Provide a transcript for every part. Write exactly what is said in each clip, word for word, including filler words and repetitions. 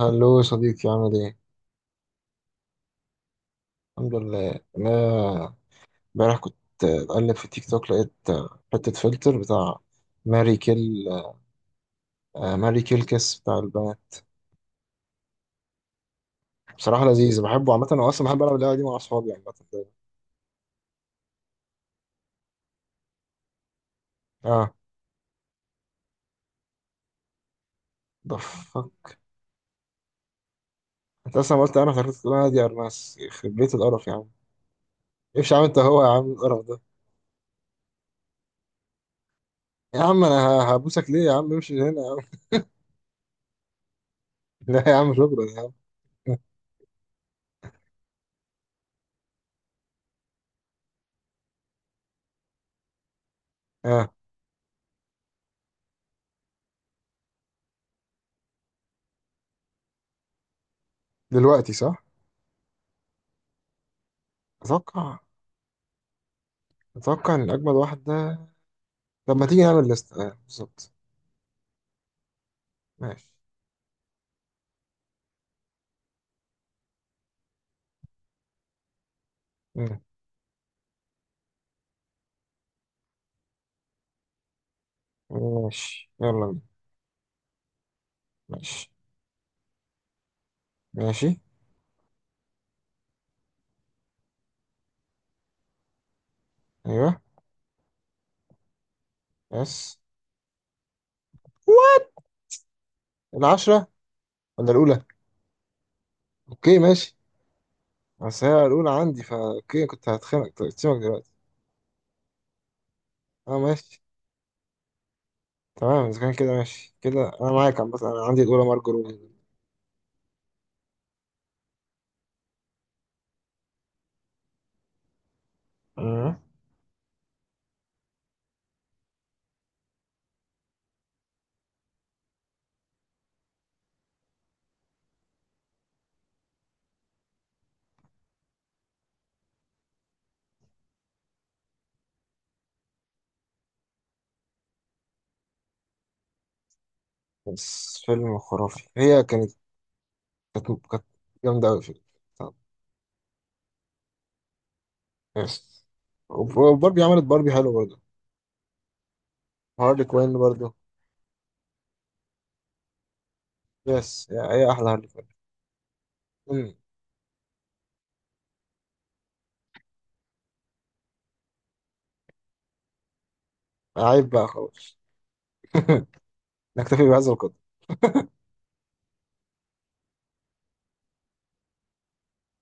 هلو يا صديقي، عامل ايه؟ الحمد لله. انا امبارح كنت بقلب في تيك توك، لقيت حتة فلتر بتاع ماري كيل. آه، ماري كيل كيس بتاع البنات. بصراحة لذيذ، بحبه عامة. انا اصلا بحب العب اللعبة دي مع اصحابي يعني، عامة دايما. اه، ده ف- انت اصلا قلت. انا فكرت تقول انا دي ارناس. يخرب بيت القرف يا عم، امشي يا عم. انت هو يا عم القرف ده. يا عم انا ه- هبوسك ليه يا عم؟ امشي من هنا يا عم. لا يا عم، شكرا يا عم. اه دلوقتي صح؟ اتوقع اتوقع ان اجمد واحد ده. طب ما تيجي نعمل ليست؟ آه، بالظبط. ماشي. مم. ماشي يلا بينا. ماشي ماشي. ايوه. بس العشرة ولا الأولى؟ اوكي ماشي. بس هي الأولى عندي فا اوكي. كنت هتخانق طيب، سيبك دلوقتي. اه ماشي. تمام، إذا كان كده ماشي كده. أنا معاك عم، بس أنا عندي الأولى مارجو روبي. مم. بس فيلم خرافي هي كانت. كانت كانت جامدة أوي فيلم. طب. يس. وب- وباربي عملت باربي حلو برضه. هارلي كوين برضه. يس هي. هي أحلى هارلي كوين. مم. عيب بقى، خلاص. نكتفي بهذا القدر.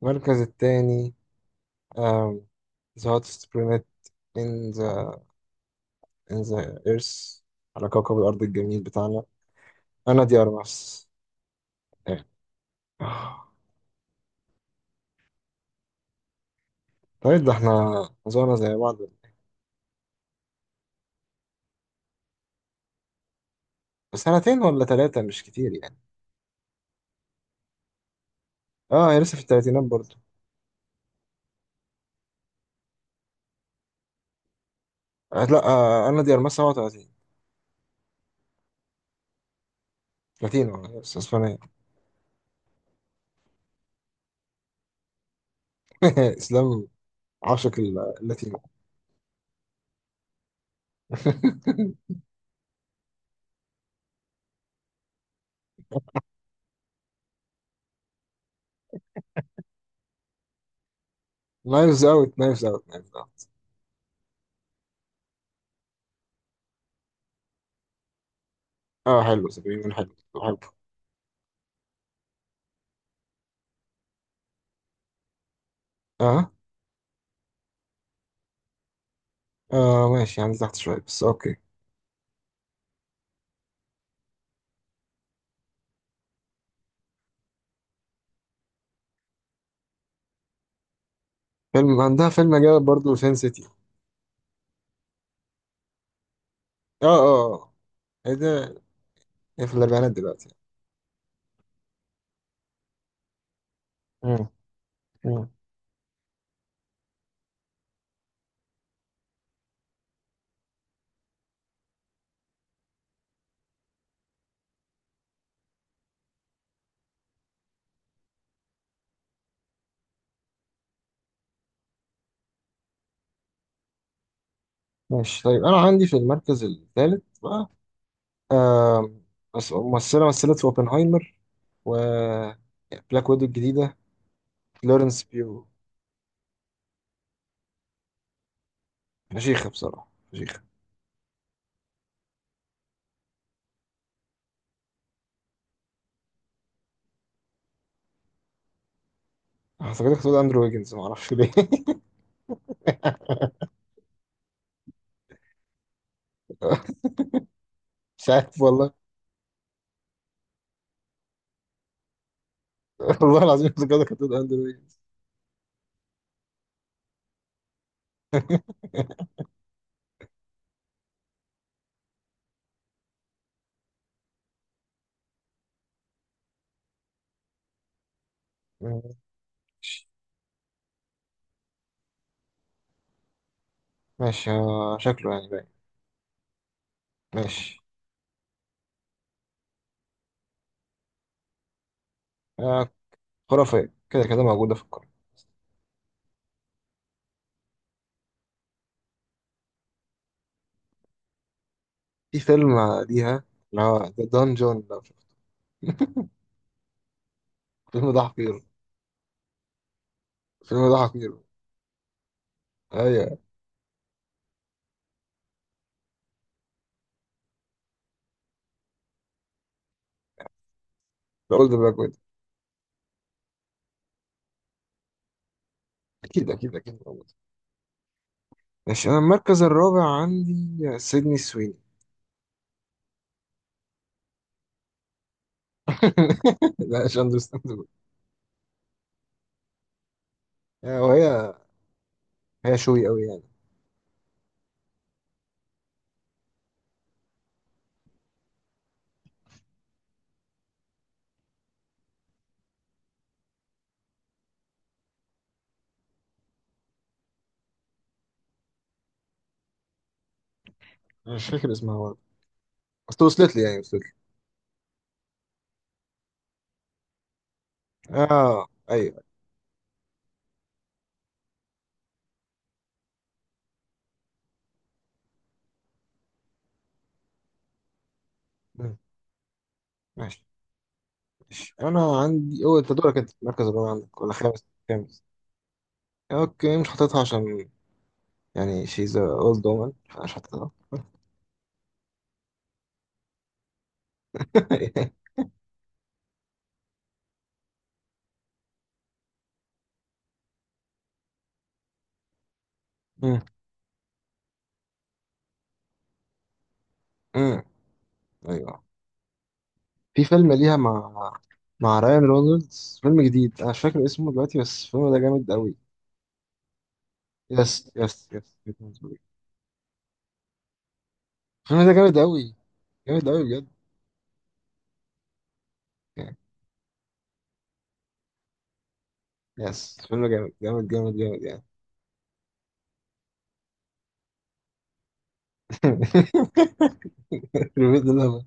المركز الثاني. um, the hottest planet in the in the earth. على كوكب الأرض الجميل بتاعنا. أنا دي أرمس. إيه. طيب، ده احنا زورنا زي بعض. سنتين ولا ثلاثة، مش كتير يعني. اه، هي لسه في الثلاثينات برضه. آه لا، آه آه، أنا دي أرمس سبعة وثلاثين. لاتينو، آه، بس اسبانية. إسلام عاشق ال- اللاتينو. نايفز اوت، نايفز اوت، نايفز اوت. اه حلو، سبعين حلو. حلو. اه اه ماشي. يعني تحت شوية بس اوكي. فيلم عندها فيلم جامد برضه، سين سيتي. اه اه آه. ايه ده؟ هي في الاربعينات دلوقتي. مم. مم. ماشي. طيب انا عندي في المركز الثالث بقى، آم، مس- ممثلة مثلت في اوبنهايمر و بلاك ويدو الجديدة: فلورنس بيو. فشيخة بصراحة، فشيخة. أنا افتكرتك هتقول اندرو ويجنز، معرفش ليه. مش عارف والله. والله العظيم افتكرتك هتقول اندرو ويجنز. ماشي. ماشي، آه، شكله يعني باين. ماشي، آه، خرافية كده كده، موجودة في القائمة. في فيلم ليها، اللي هو ذا دانجون لو شفت. الفيلم ده حقير. الفيلم ده حقير. ايوه. اقول ده بقى كويس. اكيد اكيد اكيد، موجود. ماشي. انا المركز الرابع عندي سيدني سويني. لا، مش اندرستاندبل. وهي، هي شوي قوي يعني. أنا مش فاكر اسمها برضه. بس وصلت لي يعني، وصلت لي. اه ايوه. مم. ماشي. ماشي انا عندي. هو انت دورك. انت المركز الرابع عندك ولا خامس؟ خامس. اوكي، مش حاططها عشان يعني شيز اولد وومن، فمش حاططها. مم. ايوه. في فيلم ليها مع مع رايان رونالدز، فيلم جديد انا مش فاكر اسمه دلوقتي، بس الفيلم ده جامد قوي. يس يس يس. الفيلم ده جامد قوي. جامد قوي بجد يعني. يس، فيلم جامد جامد جامد جامد يعني. بجد لا.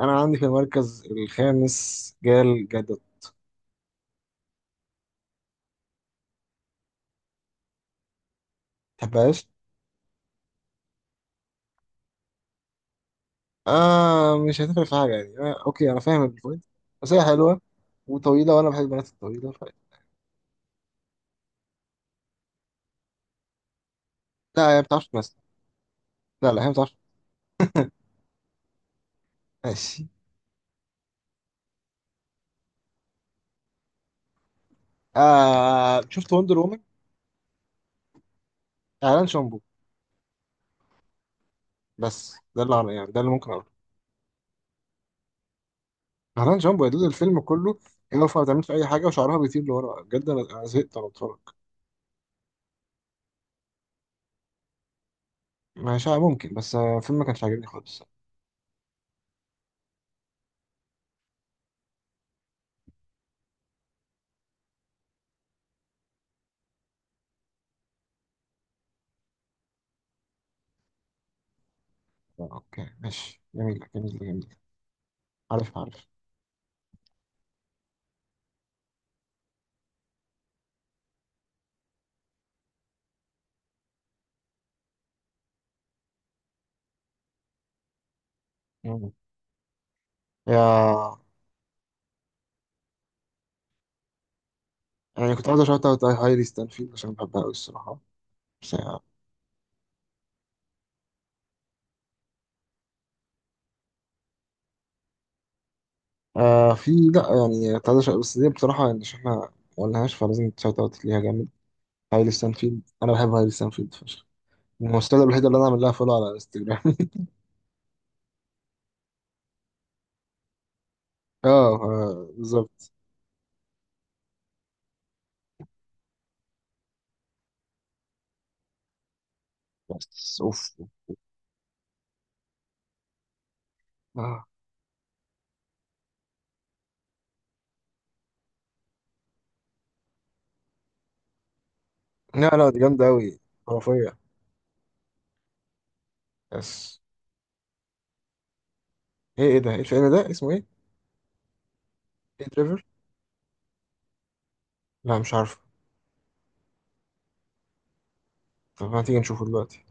انا عندي في المركز الخامس جال جادوت. تحبهاش؟ آه، مش هتفرق في حاجة يعني. آه اوكي، انا فاهم البوينت. بس هي حلوة وطويلة، وانا بحب البنات الطويلة ف... لا هي ما بتعرفش تمثل. لا لا، هي ما بتعرفش. ماشي. آه شفت وندر وومن؟ اعلان شامبو. بس ده اللي أعرف- يعني ده اللي ممكن اقوله. اعلان شامبو يا دود، الفيلم كله هي واقفه ما بتعملش اي حاجه وشعرها بيطير لورا. بجد انا أنا زهقت وانا بتفرج. ماشي، آه، ممكن. بس آه، الفيلم ما كانش عاجبني خالص. آه، اوكي ماشي، جميل جميل جميل. عارف عارف. مم. يا. يعني كنت عايز اشوت اوت هايلي ستانفيلد، عشان بحبها قوي الصراحه. بس يعني آه في، لا، يعني كنت عايز أشوت- بس دي بصراحه يعني، عشان احنا ما قلناهاش فلازم تشوت اوت ليها جامد. هايلي ستانفيلد، انا بحب هايلي ستانفيلد فشخ. الممثله الوحيده اللي انا عامل لها فولو على انستجرام. اه. آه، بالظبط. بس اوف. اه. لا لا، دي جامدة أوي، خرافية. بس ايه ايه ده ايه الفيلم ده اسمه ايه؟ ايه دريفر؟ لا مش عارفه. طب ما تيجي نشوفه دلوقتي؟